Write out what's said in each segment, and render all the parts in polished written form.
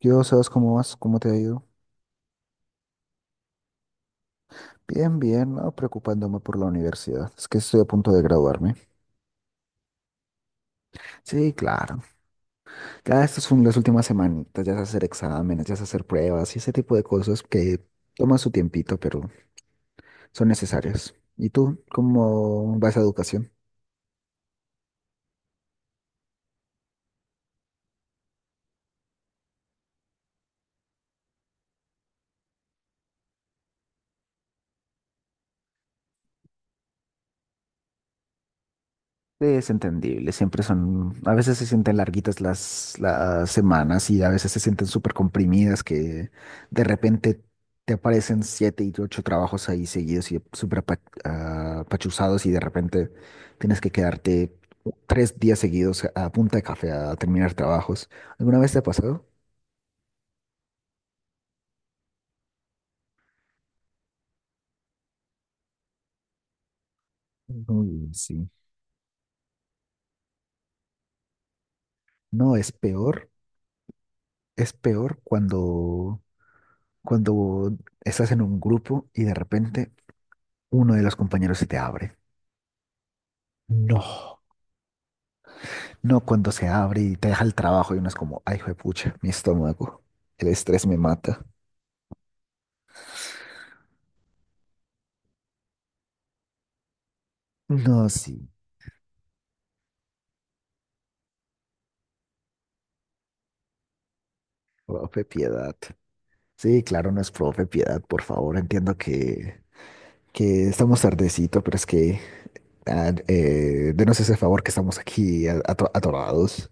Yo, ¿sabes cómo vas? ¿Cómo te ha ido? Bien, bien, no preocupándome por la universidad. Es que estoy a punto de graduarme. Sí, claro. Ya estas son las últimas semanitas, ya es hacer exámenes, ya es hacer pruebas y ese tipo de cosas que toman su tiempito, pero son necesarias. ¿Y tú, cómo vas a educación? Es entendible, siempre son, a veces se sienten larguitas las semanas y a veces se sienten súper comprimidas que de repente te aparecen siete y ocho trabajos ahí seguidos y súper apachuzados y de repente tienes que quedarte 3 días seguidos a punta de café a terminar trabajos. ¿Alguna vez te ha pasado? Uy, sí. No, es peor cuando estás en un grupo y de repente uno de los compañeros se te abre. No, no cuando se abre y te deja el trabajo y uno es como, ay, juepucha mi estómago, el estrés me mata. No, sí, profe, piedad. Sí, claro, no es profe, piedad, por favor, entiendo que estamos tardecito, pero es que denos ese favor que estamos aquí atorados.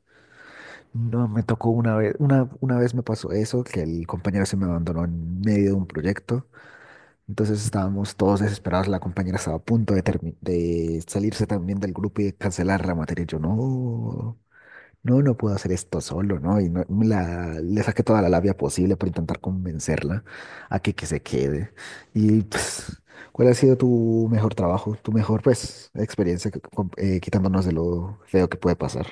No, me tocó una vez me pasó eso, que el compañero se me abandonó en medio de un proyecto. Entonces estábamos todos desesperados, la compañera estaba a punto de, termi- de salirse también del grupo y de cancelar la materia. Yo no, no, no puedo hacer esto solo, ¿no? Y le saqué toda la labia posible para intentar convencerla a que se quede. Y pues, ¿cuál ha sido tu mejor trabajo, tu mejor pues experiencia quitándonos de lo feo que puede pasar?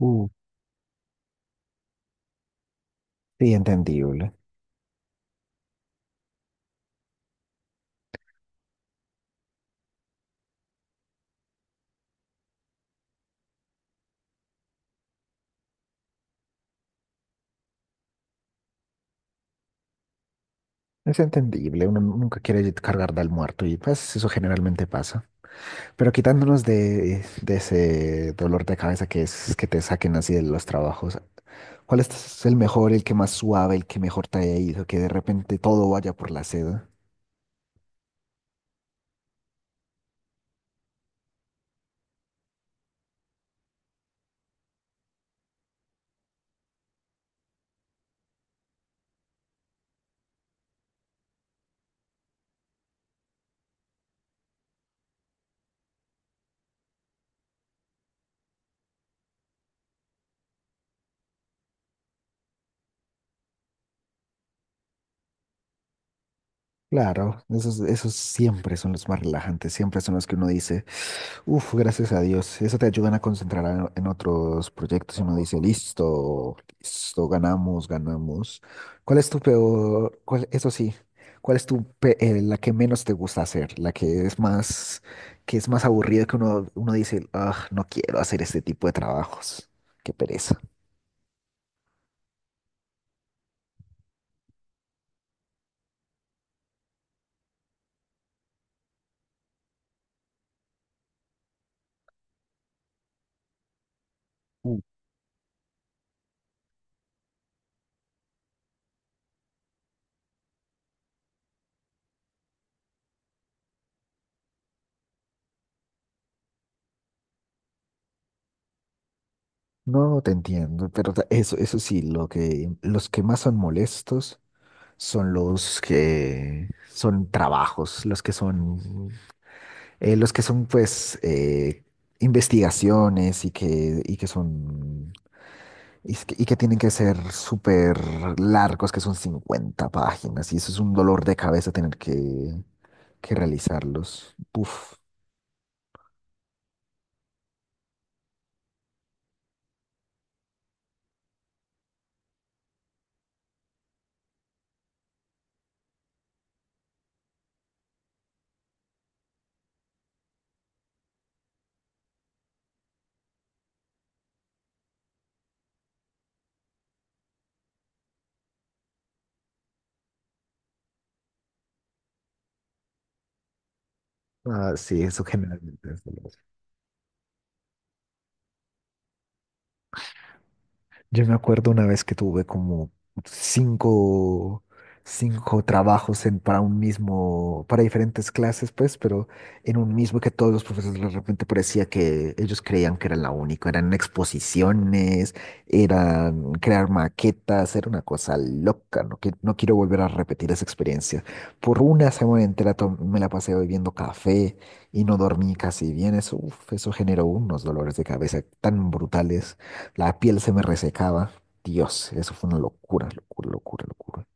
Uh, sí, entendible. Es entendible, uno nunca quiere cargar al muerto y pues eso generalmente pasa. Pero quitándonos de ese dolor de cabeza que es que te saquen así de los trabajos, ¿cuál es el mejor, el que más suave, el que mejor te haya ido, que de repente todo vaya por la seda? Claro, esos, esos siempre son los más relajantes, siempre son los que uno dice. Uf, gracias a Dios. Eso te ayudan a concentrar en otros proyectos y uno dice, listo, listo, ganamos, ganamos. ¿Cuál es tu peor, cuál, eso sí, cuál es tu, la que menos te gusta hacer, la que es más aburrida que uno, uno dice, ah, no quiero hacer este tipo de trabajos, qué pereza. Mm. No te entiendo, pero eso, eso sí, los que más son molestos son los que son trabajos, los que son, pues, investigaciones y que son, y, es que y que tienen que ser súper largos, que son 50 páginas, y eso es un dolor de cabeza tener que realizarlos. Uf. Ah, sí, eso generalmente es dolor. Yo me acuerdo una vez que tuve como cinco, cinco trabajos en, para un mismo, para diferentes clases, pues, pero en un mismo que todos los profesores de repente parecía que ellos creían que era la única. Eran exposiciones, eran crear maquetas, era una cosa loca. No, que, no quiero volver a repetir esa experiencia. Por una semana entera me la pasé bebiendo café y no dormí casi bien. Eso, uf, eso generó unos dolores de cabeza tan brutales. La piel se me resecaba. Dios, eso fue una locura, locura, locura, locura.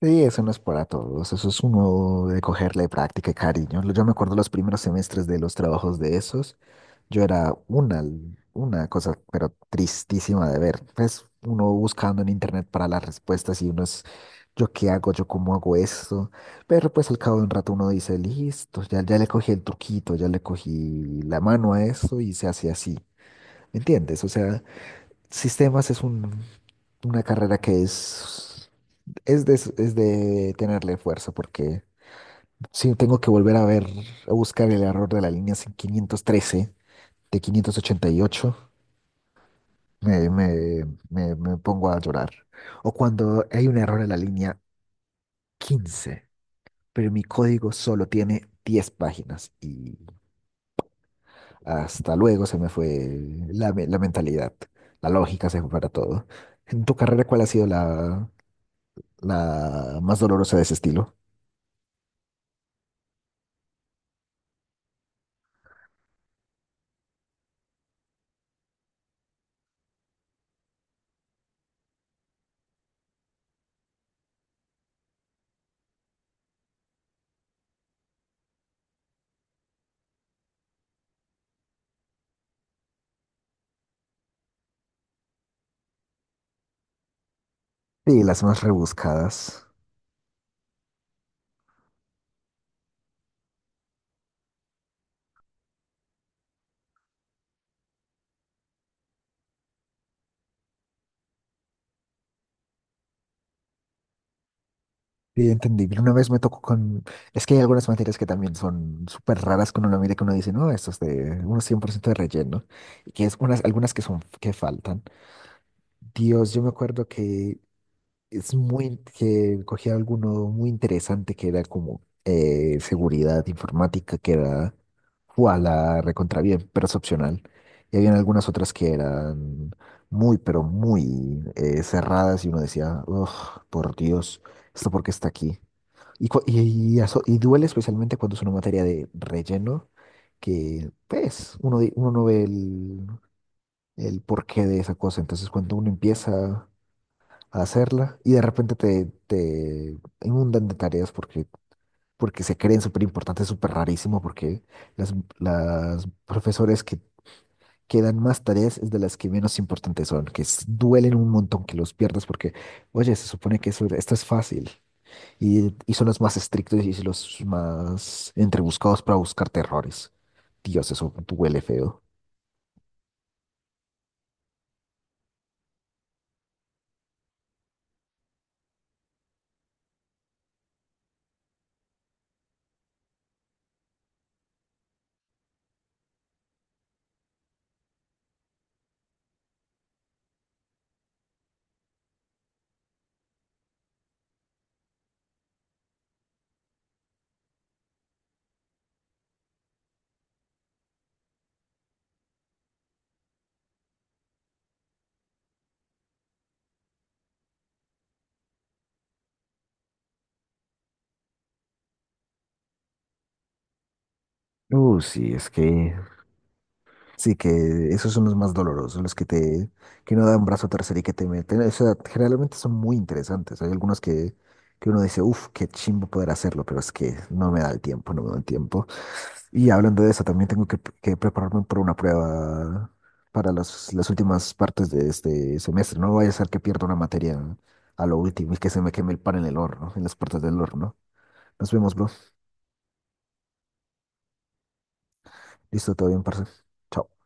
Sí, eso no es para todos. Eso es uno de cogerle práctica y cariño. Yo me acuerdo los primeros semestres de los trabajos de esos. Yo era una cosa, pero tristísima de ver. Pues uno buscando en internet para las respuestas y uno es, ¿yo qué hago? ¿Yo cómo hago esto? Pero pues al cabo de un rato uno dice, listo, ya, ya le cogí el truquito, ya le cogí la mano a eso y se hace así. ¿Me entiendes? O sea, Sistemas es una carrera que es, es de tenerle fuerza, porque sí, tengo que volver a ver, a buscar el error de la línea 513, de 588, me, me, me pongo a llorar. O cuando hay un error en la línea 15, pero mi código solo tiene 10 páginas y hasta luego se me fue la, la mentalidad, la lógica se fue para todo. En tu carrera, ¿cuál ha sido la más dolorosa de ese estilo? Sí, las más rebuscadas. Sí, entendible. Una vez me tocó con... Es que hay algunas materias que también son súper raras que uno lo mira y que uno dice, no, esto es de unos 100% de relleno. Y que es unas, algunas que son, que faltan. Dios, yo me acuerdo que es muy, que cogía alguno muy interesante que era como seguridad informática, que era fue a la recontra bien, pero es opcional. Y habían algunas otras que eran muy, pero muy cerradas y uno decía, "Uf, por Dios, ¿esto por qué está aquí? Y, cu- y, y duele especialmente cuando es una materia de relleno, que pues uno, uno no ve el porqué de esa cosa. Entonces cuando uno empieza a hacerla y de repente te inundan de tareas porque, porque se creen súper importantes, súper rarísimo, porque las profesores que dan más tareas es de las que menos importantes son, que duelen un montón que los pierdas porque, oye, se supone que eso, esto es fácil y son los más estrictos y los más entrebuscados para buscar errores. Dios, eso duele feo. Sí, es que Sí, que esos son los más dolorosos, los que que no dan brazo a torcer y que te meten. O sea, generalmente son muy interesantes. Hay algunos que uno dice, uff, qué chimbo poder hacerlo, pero es que no me da el tiempo, no me da el tiempo. Y hablando de eso, también tengo que prepararme por una prueba para las últimas partes de este semestre. No vaya a ser que pierda una materia a lo último y que se me queme el pan en el horno, en las puertas del horno. Nos vemos, bro. Listo, todo bien, parce. Chao.